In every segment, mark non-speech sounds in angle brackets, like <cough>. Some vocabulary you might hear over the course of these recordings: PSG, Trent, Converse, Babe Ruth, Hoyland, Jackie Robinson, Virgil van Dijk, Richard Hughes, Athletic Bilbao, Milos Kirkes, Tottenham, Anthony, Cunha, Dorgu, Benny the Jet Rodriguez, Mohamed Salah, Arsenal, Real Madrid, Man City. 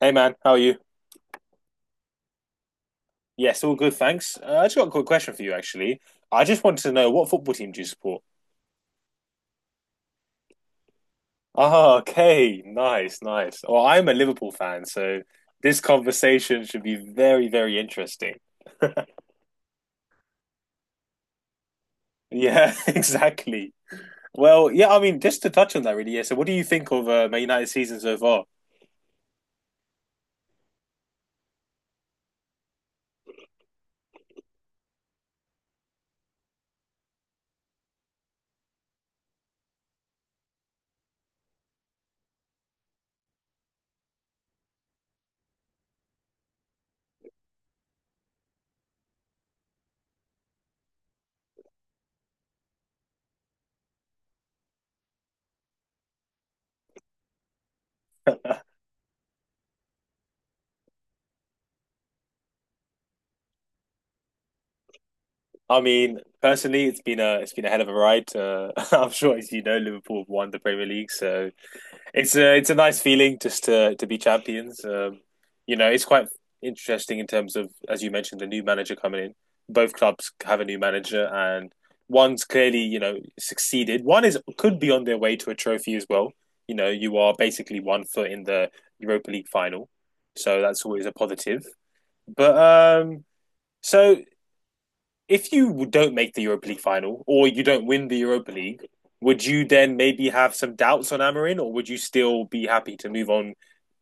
Hey man, how are you? Yes, all good, thanks. I just got a quick question for you, actually. I just wanted to know what football team do you support? Ah, okay, nice, nice. Well, I'm a Liverpool fan, so this conversation should be very, very interesting. <laughs> Yeah, <laughs> exactly. Well, yeah, I mean, just to touch on that, really. Yeah. So, what do you think of Man United's season so far? <laughs> I mean, personally, it's been a hell of a ride. <laughs> I'm sure, as you know, Liverpool have won the Premier League, so. It's a nice feeling just to be champions. It's quite interesting in terms of, as you mentioned, the new manager coming in. Both clubs have a new manager, and one's clearly succeeded. One is could be on their way to a trophy as well. You are basically one foot in the Europa League final, so that's always a positive. But so if you don't make the Europa League final or you don't win the Europa League, would you then maybe have some doubts on Amarin, or would you still be happy to move on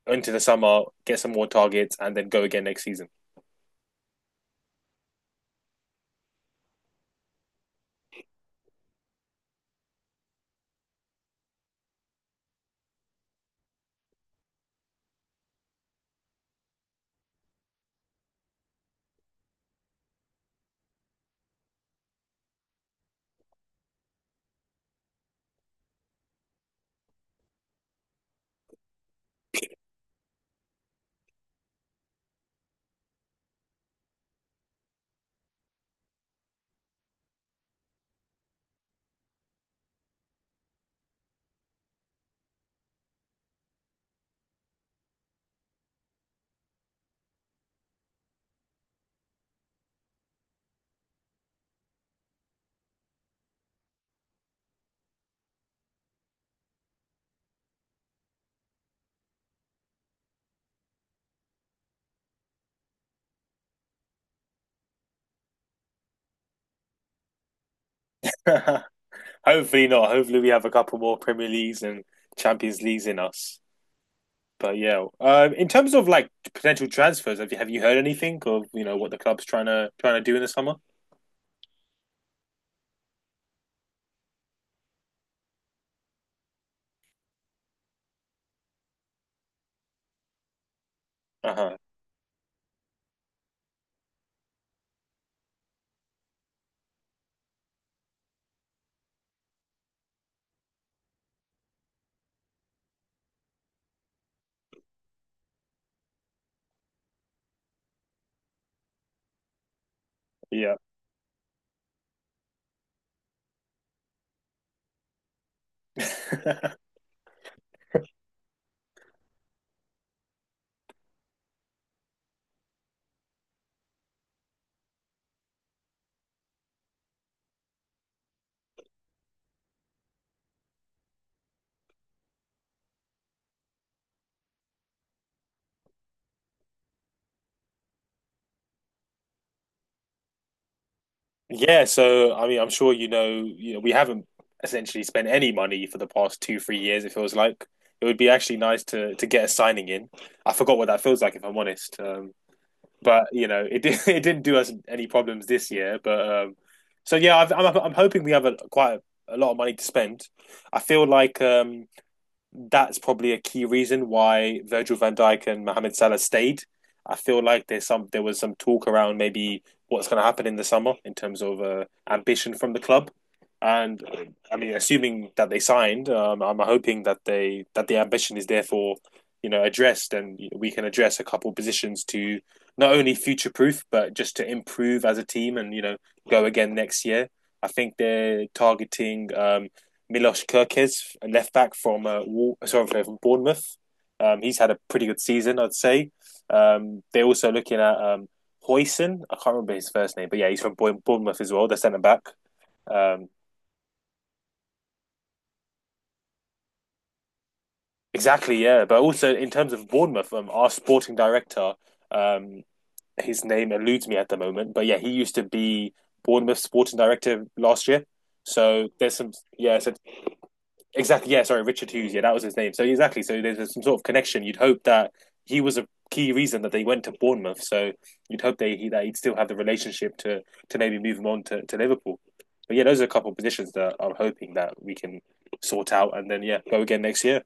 into the summer, get some more targets, and then go again next season? <laughs> Hopefully not. Hopefully we have a couple more Premier Leagues and Champions Leagues in us. But yeah, in terms of like potential transfers, have you heard anything of what the club's trying to do in the summer? Uh huh. Yeah. <laughs> Yeah, so I mean, I'm sure we haven't essentially spent any money for the past two, 3 years, it feels like. It would be actually nice to get a signing in. I forgot what that feels like, if I'm honest. But <laughs> it didn't do us any problems this year. But so yeah, I'm hoping we have quite a lot of money to spend. I feel like that's probably a key reason why Virgil van Dijk and Mohamed Salah stayed. I feel like there was some talk around maybe what's going to happen in the summer in terms of ambition from the club. And I mean, assuming that they signed, I'm hoping that they that the ambition is therefore, addressed, and we can address a couple of positions to not only future proof, but just to improve as a team and go again next year. I think they're targeting Milos Kirkes, a left back from Wal- sorry from Bournemouth. He's had a pretty good season, I'd say. They're also looking at Hoyson. I can't remember his first name, but yeah, he's from Bournemouth as well. They're centre back. Um, exactly, yeah. But also in terms of Bournemouth, our sporting director, um, his name eludes me at the moment, but yeah, he used to be Bournemouth sporting director last year. So there's some. Yeah, so exactly. Yeah. Sorry, Richard Hughes. Yeah, that was his name. So exactly. So there's some sort of connection. You'd hope that he was a key reason that they went to Bournemouth. So you'd hope that he'd still have the relationship to maybe move him on to Liverpool. But yeah, those are a couple of positions that I'm hoping that we can sort out and then yeah go again next year.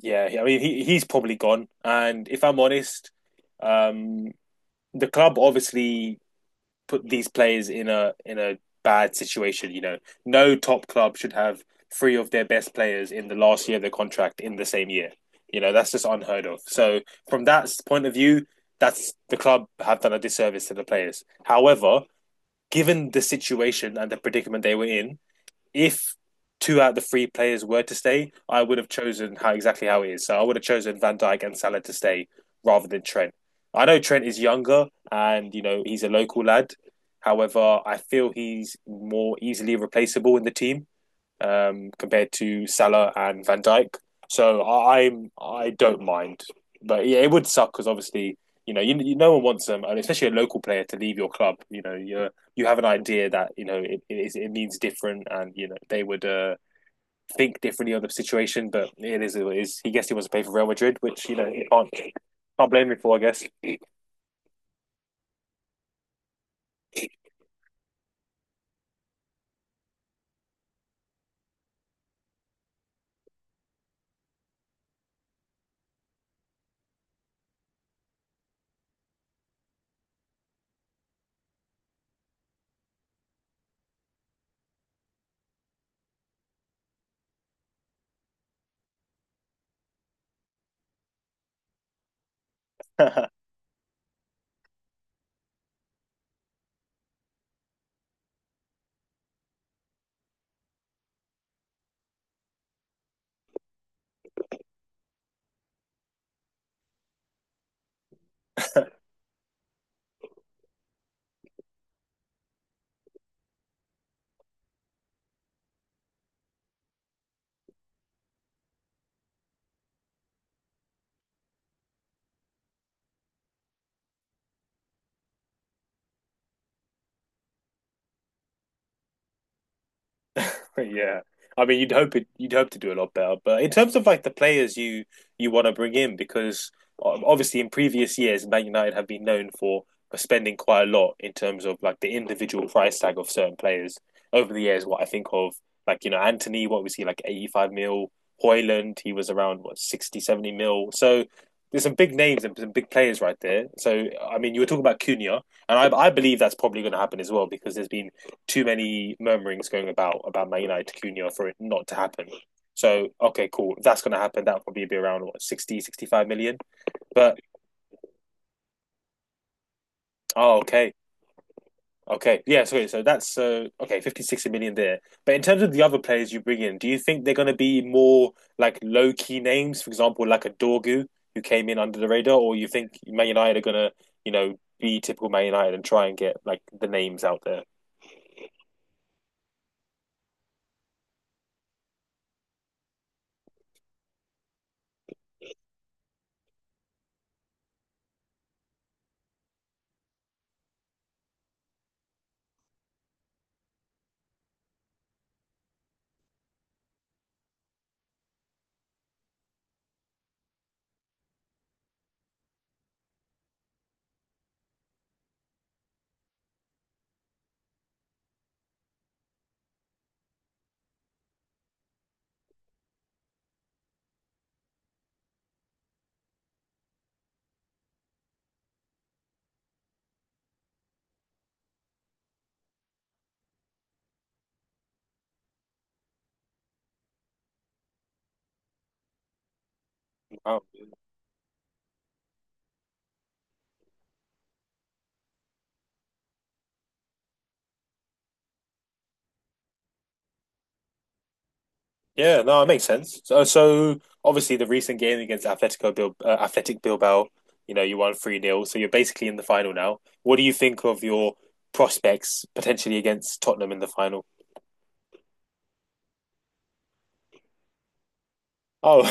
Yeah. I mean, he's probably gone. And if I'm honest, um, the club obviously put these players in a bad situation. No top club should have three of their best players in the last year of their contract in the same year. That's just unheard of. So from that point of view, that's the club have done a disservice to the players. However, given the situation and the predicament they were in, if two out of the three players were to stay, I would have chosen how exactly how it is. So I would have chosen Van Dijk and Salah to stay rather than Trent. I know Trent is younger and he's a local lad. However, I feel he's more easily replaceable in the team compared to Salah and Van Dijk. So I don't mind, but yeah, it would suck because obviously you know you, you no one wants them, and especially a local player to leave your club. You have an idea that it means different, and they would think differently on the situation. But it is he guessed he wants to play for Real Madrid, which you can't blame him for, I guess. <laughs> <laughs> Yeah. I mean, you'd hope to do a lot better, but in terms of like the players you want to bring in, because obviously in previous years, Man United have been known for spending quite a lot in terms of like the individual price tag of certain players over the years. What I think of, like Anthony, what was he like, 85 mil? Hoyland, he was around what 60 70 mil. So there's some big names and some big players right there. So I mean, you were talking about Cunha, and I believe that's probably going to happen as well because there's been too many murmurings going about Man United Cunha for it not to happen. So okay, cool. If that's going to happen. That'll probably be around what 60, 65 million? But oh, okay, okay, yeah. Sorry, so that's okay, 50, 60 million there. But in terms of the other players you bring in, do you think they're going to be more like low key names, for example, like a Dorgu who came in under the radar, or you think Man United are going to, be typical Man United and try and get like the names out there? I Yeah, no, it makes sense. So obviously the recent game against Atletico Bil Athletic Bilbao, you won 3 nil. So you're basically in the final now. What do you think of your prospects potentially against Tottenham in the final? Oh.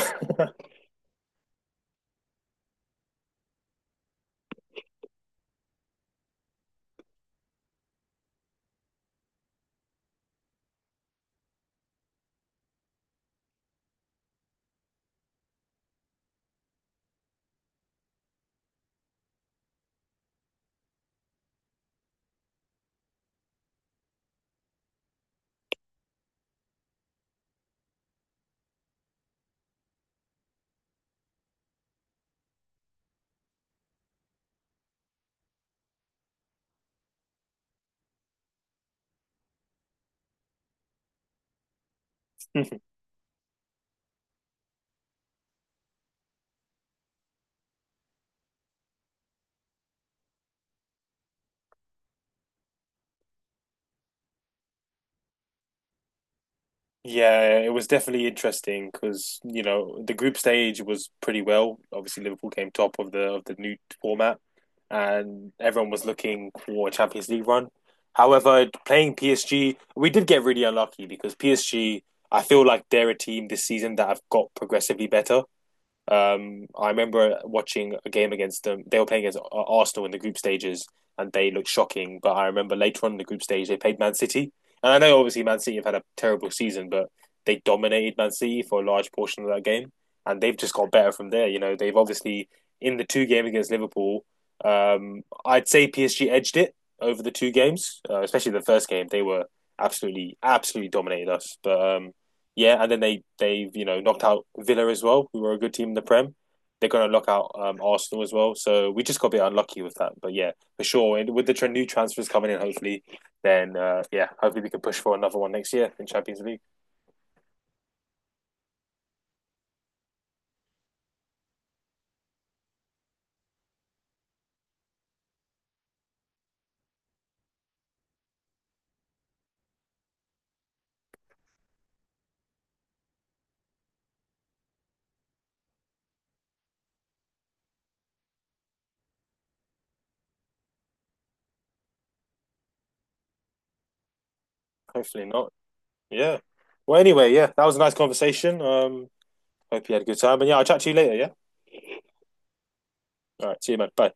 <laughs> Yeah, it was definitely interesting because the group stage was pretty well. Obviously, Liverpool came top of the new format, and everyone was looking for a Champions League run. However, playing PSG, we did get really unlucky because PSG, I feel like they're a team this season that have got progressively better. I remember watching a game against them. They were playing against Arsenal in the group stages, and they looked shocking. But I remember later on in the group stage, they played Man City, and I know obviously Man City have had a terrible season, but they dominated Man City for a large portion of that game, and they've just got better from there. They've obviously in the two game against Liverpool, I'd say PSG edged it over the two games, especially the first game. They were absolutely, absolutely dominated us. But yeah, and then they've knocked out Villa as well, who were a good team in the Prem. They're going to knock out Arsenal as well. So we just got a bit unlucky with that. But yeah, for sure. And with the new transfers coming in, hopefully, then yeah, hopefully we can push for another one next year in Champions League. Hopefully not. Yeah. Well, anyway, yeah, that was a nice conversation. Hope you had a good time. And yeah, I'll chat to you later. Yeah. All right. See you, man. Bye.